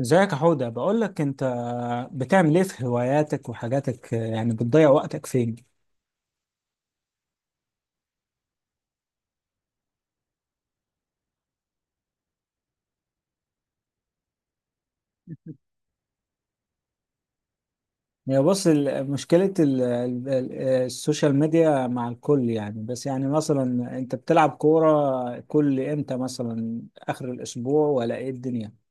ازيك يا حودة؟ بقول لك، انت بتعمل ايه في هواياتك وحاجاتك؟ يعني بتضيع وقتك فين؟ هي بص، مشكلة السوشيال ميديا مع الكل، يعني بس يعني مثلا انت بتلعب كورة كل امتى؟ مثلا اخر الاسبوع ولا ايه الدنيا؟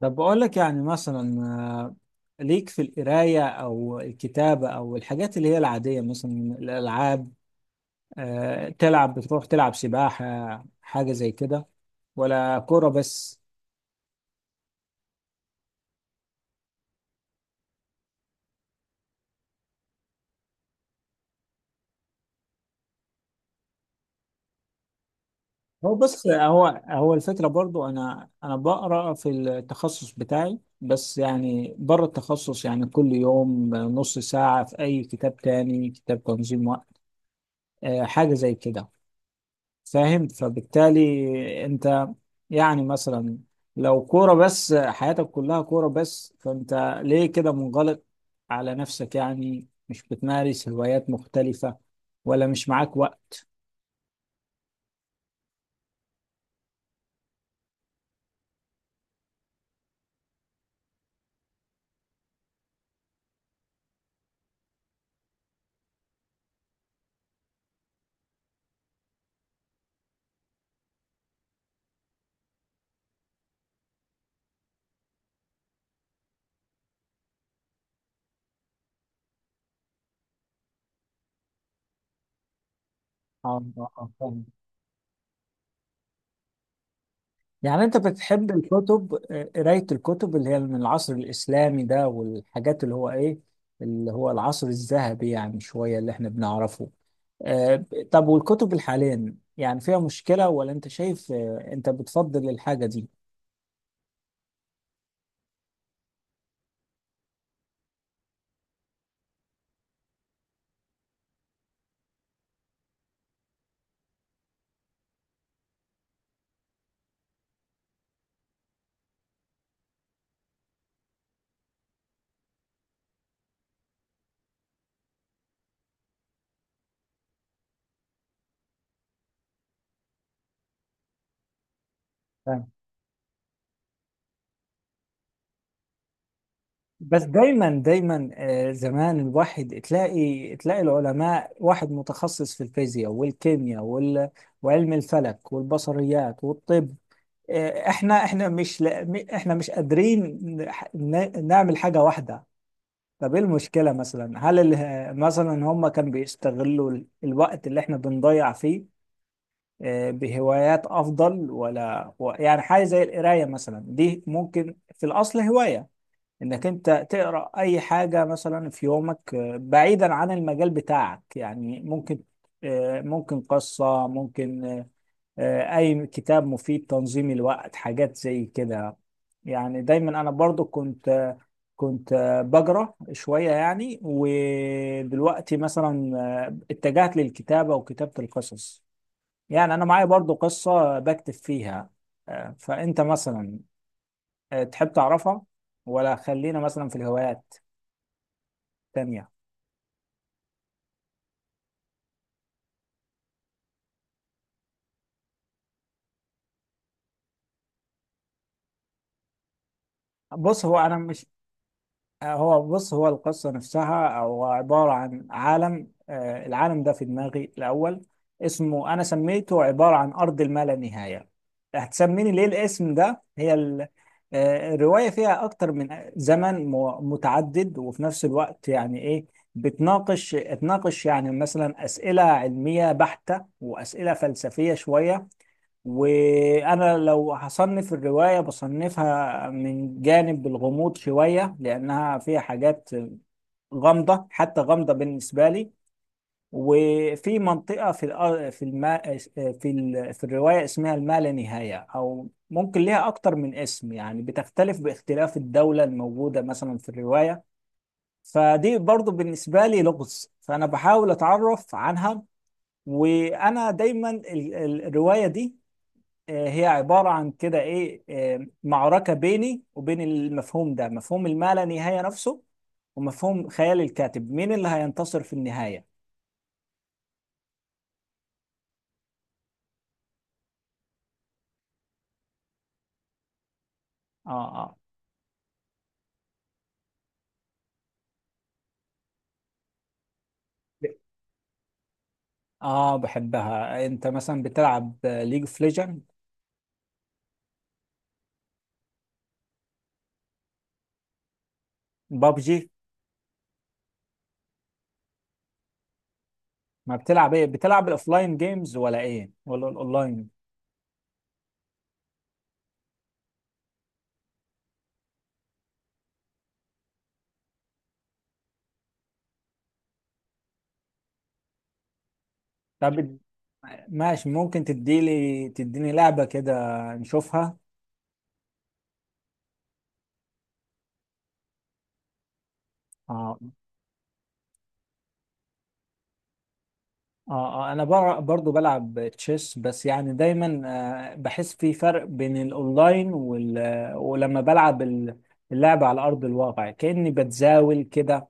طب بقول لك، يعني مثلا، ليك في القراية او الكتابة او الحاجات اللي هي العادية، مثلا الالعاب. تلعب، بتروح تلعب سباحة حاجة زي كده، ولا كورة بس؟ هو بص، هو الفكرة برضو، أنا بقرأ في التخصص بتاعي، بس يعني بره التخصص، يعني كل يوم نص ساعة في أي كتاب تاني، كتاب تنظيم وقت، حاجة زي كده. فاهم؟ فبالتالي أنت، يعني مثلا، لو كورة بس، حياتك كلها كورة بس، فأنت ليه كده منغلق على نفسك؟ يعني مش بتمارس هوايات مختلفة، ولا مش معاك وقت؟ فاهم. يعني انت بتحب الكتب، قراية الكتب اللي هي من العصر الإسلامي ده والحاجات اللي هو ايه، اللي هو العصر الذهبي يعني شوية، اللي احنا بنعرفه؟ طب والكتب الحالية يعني فيها مشكلة، ولا انت شايف، انت بتفضل الحاجة دي؟ فاهم. بس دايما دايما، زمان الواحد تلاقي تلاقي العلماء واحد متخصص في الفيزياء والكيمياء وعلم الفلك والبصريات والطب. احنا مش لا احنا مش قادرين نعمل حاجة واحدة. طب ايه المشكلة مثلا؟ هل مثلا هم كانوا بيستغلوا الوقت اللي احنا بنضيع فيه بهوايات افضل، ولا يعني حاجة زي القراية مثلا دي ممكن في الاصل هواية، انك انت تقرأ اي حاجة مثلا في يومك، بعيدا عن المجال بتاعك؟ يعني ممكن، ممكن قصة، ممكن اي كتاب مفيد، تنظيم الوقت، حاجات زي كده. يعني دايما انا برضو كنت بقرا شويه يعني، ودلوقتي مثلا اتجهت للكتابه وكتابه القصص. يعني انا معايا برضو قصه بكتب فيها. فانت مثلا، تحب تعرفها، ولا خلينا مثلا في الهوايات التانية؟ بص، هو انا مش هو بص، هو القصة نفسها، هو عبارة عن عالم. العالم ده في دماغي الأول، اسمه، أنا سميته عبارة عن أرض اللانهاية. هتسميني ليه الاسم ده؟ هي ال- آه، الرواية فيها أكتر من زمن متعدد، وفي نفس الوقت يعني إيه، بتناقش تناقش يعني مثلا أسئلة علمية بحتة، وأسئلة فلسفية شوية. وانا لو هصنف الروايه بصنفها من جانب الغموض شويه، لانها فيها حاجات غامضه، حتى غامضه بالنسبه لي. وفي منطقه في الأ- في الما في ال... في الروايه اسمها الما لا نهايه، او ممكن ليها اكتر من اسم، يعني بتختلف باختلاف الدوله الموجوده مثلا في الروايه. فدي برضو بالنسبه لي لغز، فانا بحاول اتعرف عنها. وانا دايما الروايه دي، هي عبارة عن كده إيه، معركة بيني وبين المفهوم ده، مفهوم الما نهاية نفسه، ومفهوم خيال الكاتب. مين اللي هينتصر في النهاية؟ آه، آه، آه، بحبها. أنت مثلا بتلعب ليج اوف ليجند؟ بابجي؟ ما بتلعب إيه؟ بتلعب الأوفلاين جيمز ولا إيه، ولا الأونلاين؟ طب ماشي، ممكن تديني لعبة كده نشوفها. آه اه انا برضو بلعب تشيس. بس يعني دايما بحس في فرق بين الاونلاين وال... آه، ولما بلعب اللعبة على ارض الواقع، كأني بتزاول كده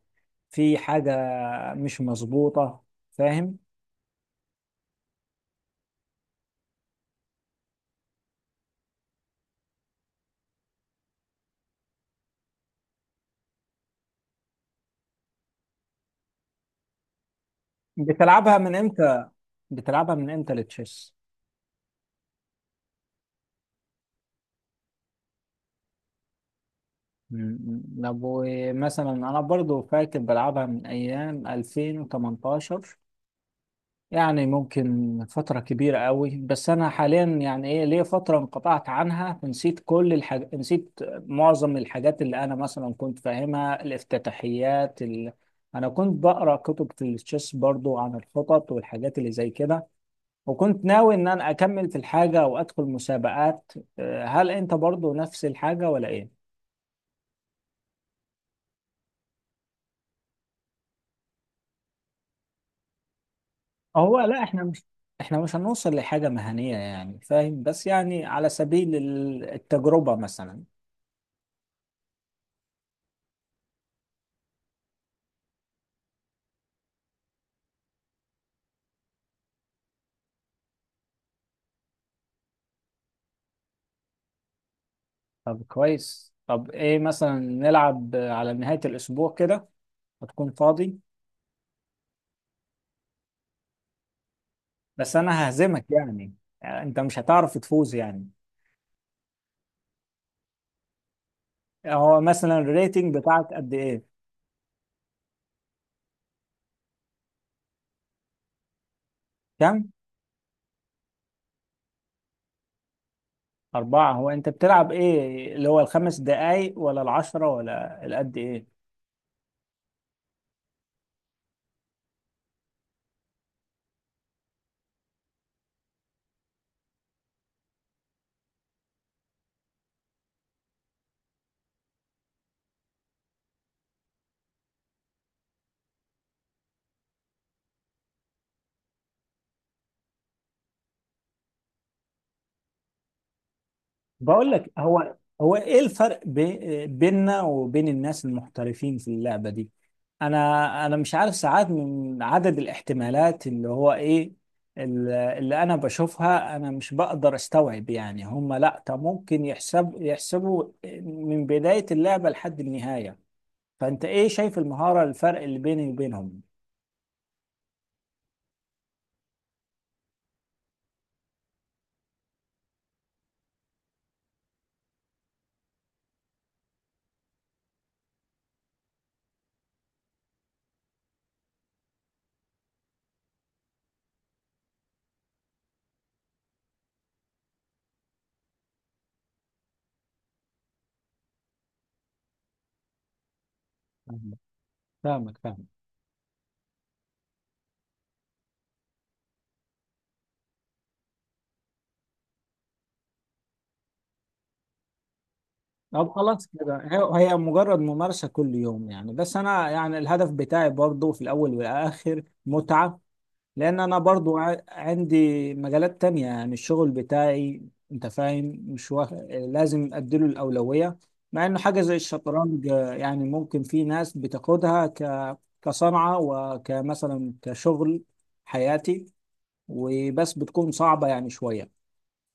في حاجة مش مظبوطة. فاهم؟ بتلعبها من امتى بتلعبها من امتى التشيس؟ مم. طب مثلا انا برضو فاكر بلعبها من ايام 2018، يعني ممكن فترة كبيرة قوي. بس أنا حاليا يعني إيه، ليا فترة انقطعت عنها، نسيت كل نسيت معظم الحاجات اللي أنا مثلا كنت فاهمها، أنا كنت بقرأ كتب في التشيس برضو عن الخطط والحاجات اللي زي كده. وكنت ناوي إن أنا أكمل في الحاجة وأدخل مسابقات. هل أنت برضو نفس الحاجة ولا إيه؟ هو لا، إحنا مش هنوصل لحاجة مهنية يعني، فاهم؟ بس يعني على سبيل التجربة مثلا. طب كويس. طب ايه مثلا، نلعب على نهاية الأسبوع كده؟ هتكون فاضي؟ بس أنا ههزمك يعني، يعني أنت مش هتعرف تفوز يعني. هو مثلا الريتنج بتاعك قد ايه؟ كم؟ أربعة؟ هو أنت بتلعب ايه، اللي هو الخمس دقايق ولا العشرة ولا القد ايه؟ بقول لك، هو ايه الفرق بيننا وبين الناس المحترفين في اللعبة دي؟ انا مش عارف، ساعات من عدد الاحتمالات اللي هو ايه، اللي انا بشوفها انا مش بقدر استوعب. يعني هم، لا طب ممكن يحسبوا من بداية اللعبة لحد النهاية. فانت ايه شايف المهارة، الفرق اللي بيني وبينهم؟ فاهمك، فاهمك. طب خلاص كده، هي مجرد ممارسة كل يوم يعني. بس أنا يعني الهدف بتاعي برضو في الأول والآخر متعة. لأن أنا برضو عندي مجالات تانية يعني، الشغل بتاعي أنت فاهم، مش واخ... لازم أديله الأولوية. مع إنه حاجة زي الشطرنج، يعني ممكن في ناس بتاخدها كصنعة، وكمثلا كشغل حياتي، وبس بتكون صعبة يعني شوية.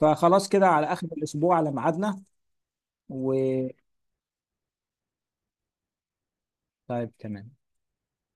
فخلاص كده، على آخر الأسبوع على ميعادنا. و طيب تمام.